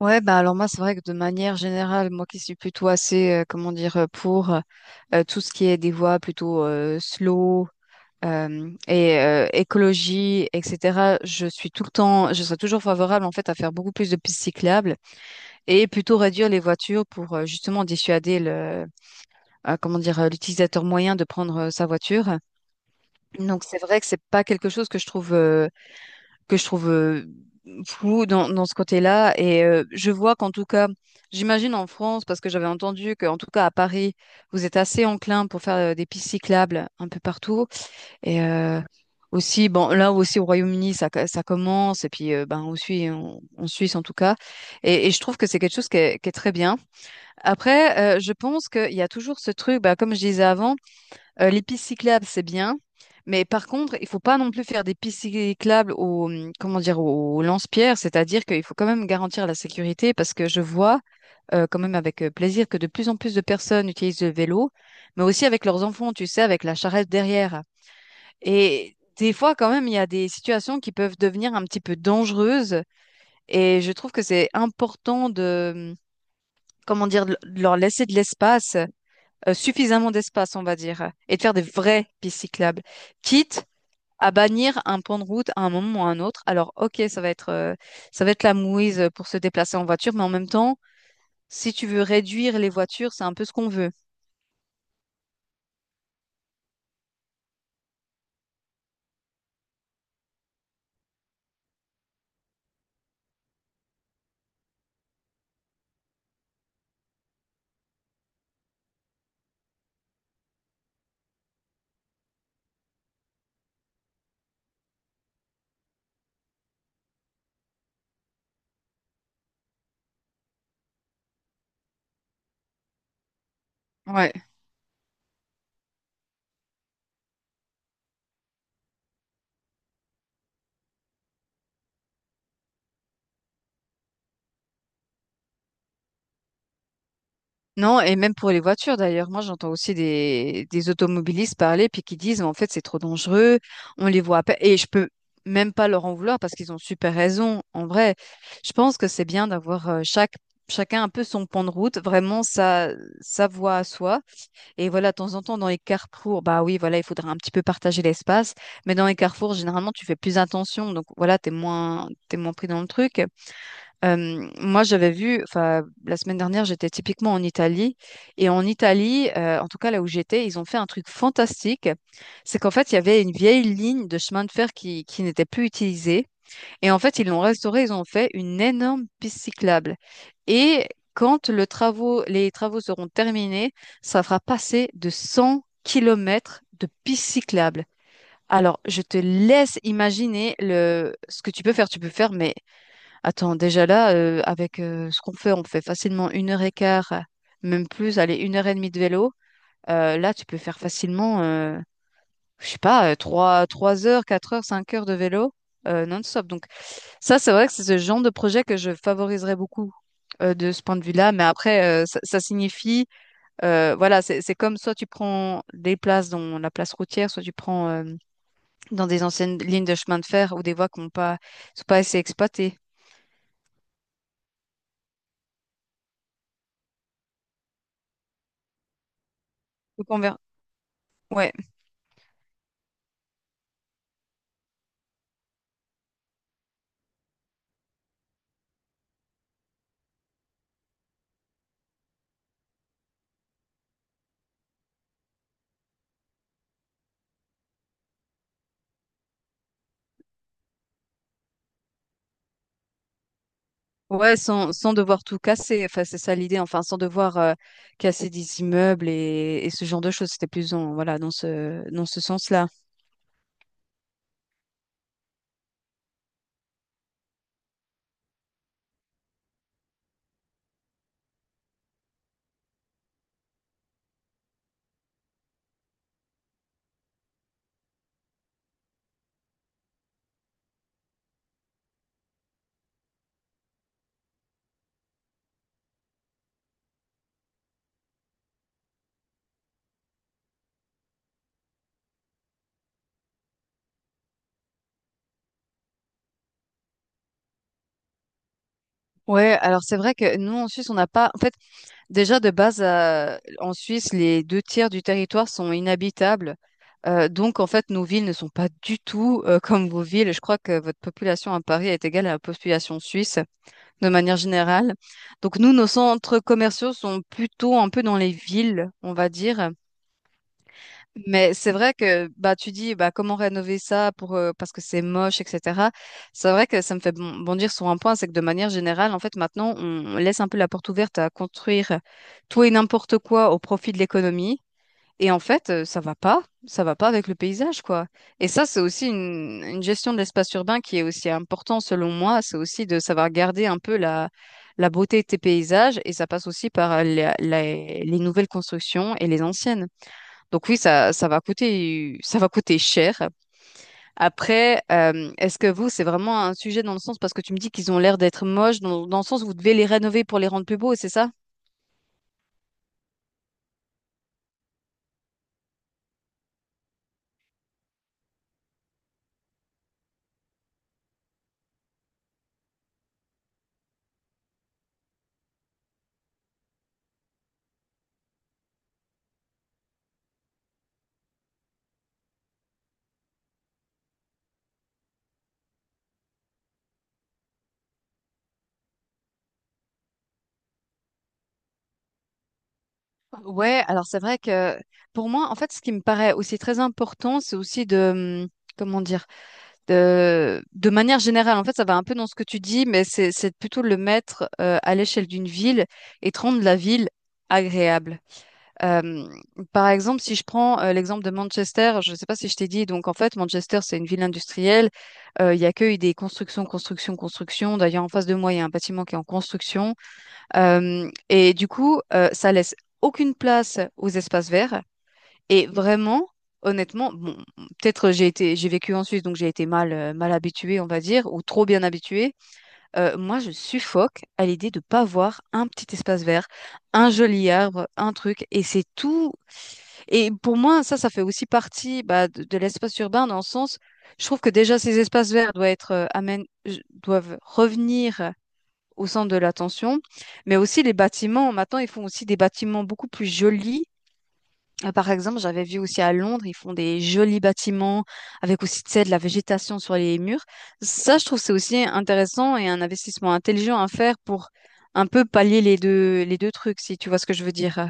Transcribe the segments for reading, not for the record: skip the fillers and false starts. Ouais, bah alors moi, c'est vrai que de manière générale, moi qui suis plutôt assez, comment dire, pour tout ce qui est des voies plutôt slow et écologie, etc., je suis tout le temps, je serais toujours favorable en fait à faire beaucoup plus de pistes cyclables et plutôt réduire les voitures pour justement dissuader comment dire, l'utilisateur moyen de prendre sa voiture. Donc c'est vrai que c'est pas quelque chose que je trouve que je trouve euh, flou dans ce côté-là. Et je vois qu'en tout cas, j'imagine en France, parce que j'avais entendu qu'en tout cas à Paris, vous êtes assez enclin pour faire des pistes cyclables un peu partout. Et aussi, bon, là aussi au Royaume-Uni, ça commence. Et puis, ben, aussi en Suisse en tout cas. Et je trouve que c'est quelque chose qui est très bien. Après, je pense qu'il y a toujours ce truc, bah, comme je disais avant, les pistes cyclables, c'est bien. Mais par contre, il faut pas non plus faire des pistes cyclables au, comment dire, au lance-pierre, c'est-à-dire qu'il faut quand même garantir la sécurité parce que je vois quand même avec plaisir que de plus en plus de personnes utilisent le vélo, mais aussi avec leurs enfants, tu sais, avec la charrette derrière. Et des fois, quand même, il y a des situations qui peuvent devenir un petit peu dangereuses et je trouve que c'est important comment dire, de leur laisser de l'espace suffisamment d'espace, on va dire, et de faire des vraies pistes cyclables, quitte à bannir un pan de route à un moment ou à un autre. Alors, ok, ça va être la mouise pour se déplacer en voiture, mais en même temps, si tu veux réduire les voitures, c'est un peu ce qu'on veut. Ouais. Non, et même pour les voitures d'ailleurs. Moi, j'entends aussi des automobilistes parler puis qui disent, en fait, c'est trop dangereux, on les voit à peine. Et je peux même pas leur en vouloir parce qu'ils ont super raison. En vrai, je pense que c'est bien d'avoir chacun un peu son pan de route, sa voie à soi. Et voilà, de temps en temps, dans les carrefours, bah oui, voilà, il faudra un petit peu partager l'espace. Mais dans les carrefours, généralement, tu fais plus attention. Donc voilà, t'es moins pris dans le truc. Moi, j'avais vu, enfin, la semaine dernière, j'étais typiquement en Italie. Et en Italie, en tout cas là où j'étais, ils ont fait un truc fantastique. C'est qu'en fait, il y avait une vieille ligne de chemin de fer qui n'était plus utilisée. Et en fait, ils l'ont restaurée, ils ont fait une énorme piste cyclable. Et quand les travaux seront terminés, ça fera passer de 100 kilomètres de piste cyclable. Alors, je te laisse imaginer ce que tu peux faire. Attends, déjà là, avec ce qu'on fait, on fait facilement une heure et quart, même plus, allez, une heure et demie de vélo. Là, tu peux faire facilement, je sais pas, trois heures, quatre heures, cinq heures de vélo non-stop. Donc ça, c'est vrai que c'est ce genre de projet que je favoriserais beaucoup de ce point de vue-là. Mais après, ça signifie, voilà, c'est comme soit tu prends des places dans la place routière, soit tu prends dans des anciennes lignes de chemin de fer ou des voies qui n'ont pas, sont pas assez exploitées. Donc on verra. Ouais. Ouais, sans devoir tout casser. Enfin, c'est ça l'idée. Enfin, sans devoir casser des immeubles et ce genre de choses. C'était plus dans ce sens-là. Ouais, alors c'est vrai que nous en Suisse, on n'a pas. En fait, déjà de base, en Suisse, les deux tiers du territoire sont inhabitables. Donc en fait, nos villes ne sont pas du tout comme vos villes. Je crois que votre population à Paris est égale à la population suisse, de manière générale. Donc nous, nos centres commerciaux sont plutôt un peu dans les villes, on va dire. Mais c'est vrai que bah tu dis bah comment rénover ça pour parce que c'est moche, etc. C'est vrai que ça me fait bondir sur un point, c'est que de manière générale, en fait, maintenant, on laisse un peu la porte ouverte à construire tout et n'importe quoi au profit de l'économie. Et en fait, ça va pas avec le paysage, quoi. Et ça, c'est aussi une gestion de l'espace urbain qui est aussi important selon moi. C'est aussi de savoir garder un peu la beauté de tes paysages et ça passe aussi par les nouvelles constructions et les anciennes. Donc oui, ça va coûter cher. Après, est-ce que vous, c'est vraiment un sujet dans le sens parce que tu me dis qu'ils ont l'air d'être moches, dans le sens où vous devez les rénover pour les rendre plus beaux, c'est ça? Ouais, alors c'est vrai que pour moi, en fait, ce qui me paraît aussi très important, comment dire, de manière générale, en fait, ça va un peu dans ce que tu dis, c'est plutôt de le mettre à l'échelle d'une ville et de rendre la ville agréable. Euh, par exemple, si je prends l'exemple de Manchester, je ne sais pas si je t'ai dit, donc en fait, Manchester, c'est une ville industrielle. Il y a que des constructions, constructions, constructions. D'ailleurs, en face de moi, il y a un bâtiment qui est en construction. Et du coup, ça laisse aucune place aux espaces verts. Et vraiment, honnêtement, bon, peut-être j'ai été, j'ai vécu en Suisse, donc j'ai été mal habituée, on va dire, ou trop bien habituée. Moi, je suffoque à l'idée de pas voir un petit espace vert, un joli arbre, un truc, et c'est tout. Et pour moi, ça fait aussi partie bah, de l'espace urbain dans le sens, je trouve que déjà ces espaces verts doivent doivent revenir au centre de l'attention, mais aussi les bâtiments. Maintenant, ils font aussi des bâtiments beaucoup plus jolis. Par exemple, j'avais vu aussi à Londres, ils font des jolis bâtiments avec aussi, tu sais, de la végétation sur les murs. Ça, je trouve que c'est aussi intéressant et un investissement intelligent à faire pour un peu pallier les deux trucs, si tu vois ce que je veux dire.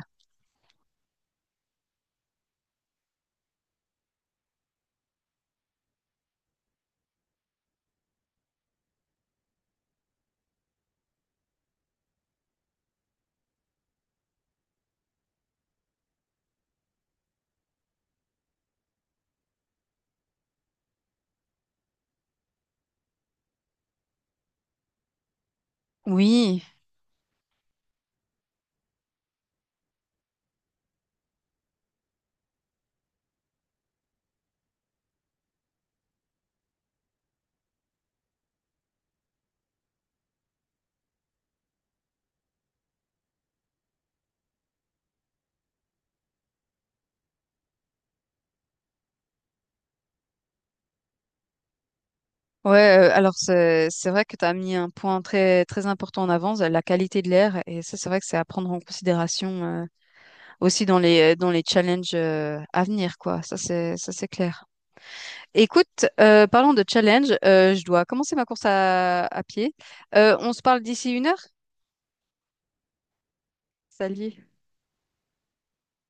Oui. Ouais, alors c'est vrai que tu as mis un point très très important en avance, la qualité de l'air, et ça c'est vrai que c'est à prendre en considération aussi dans dans les challenges à venir, quoi. Ça, c'est clair. Écoute, parlons de challenge. Je dois commencer ma course à pied. On se parle d'ici 1 heure? Salut.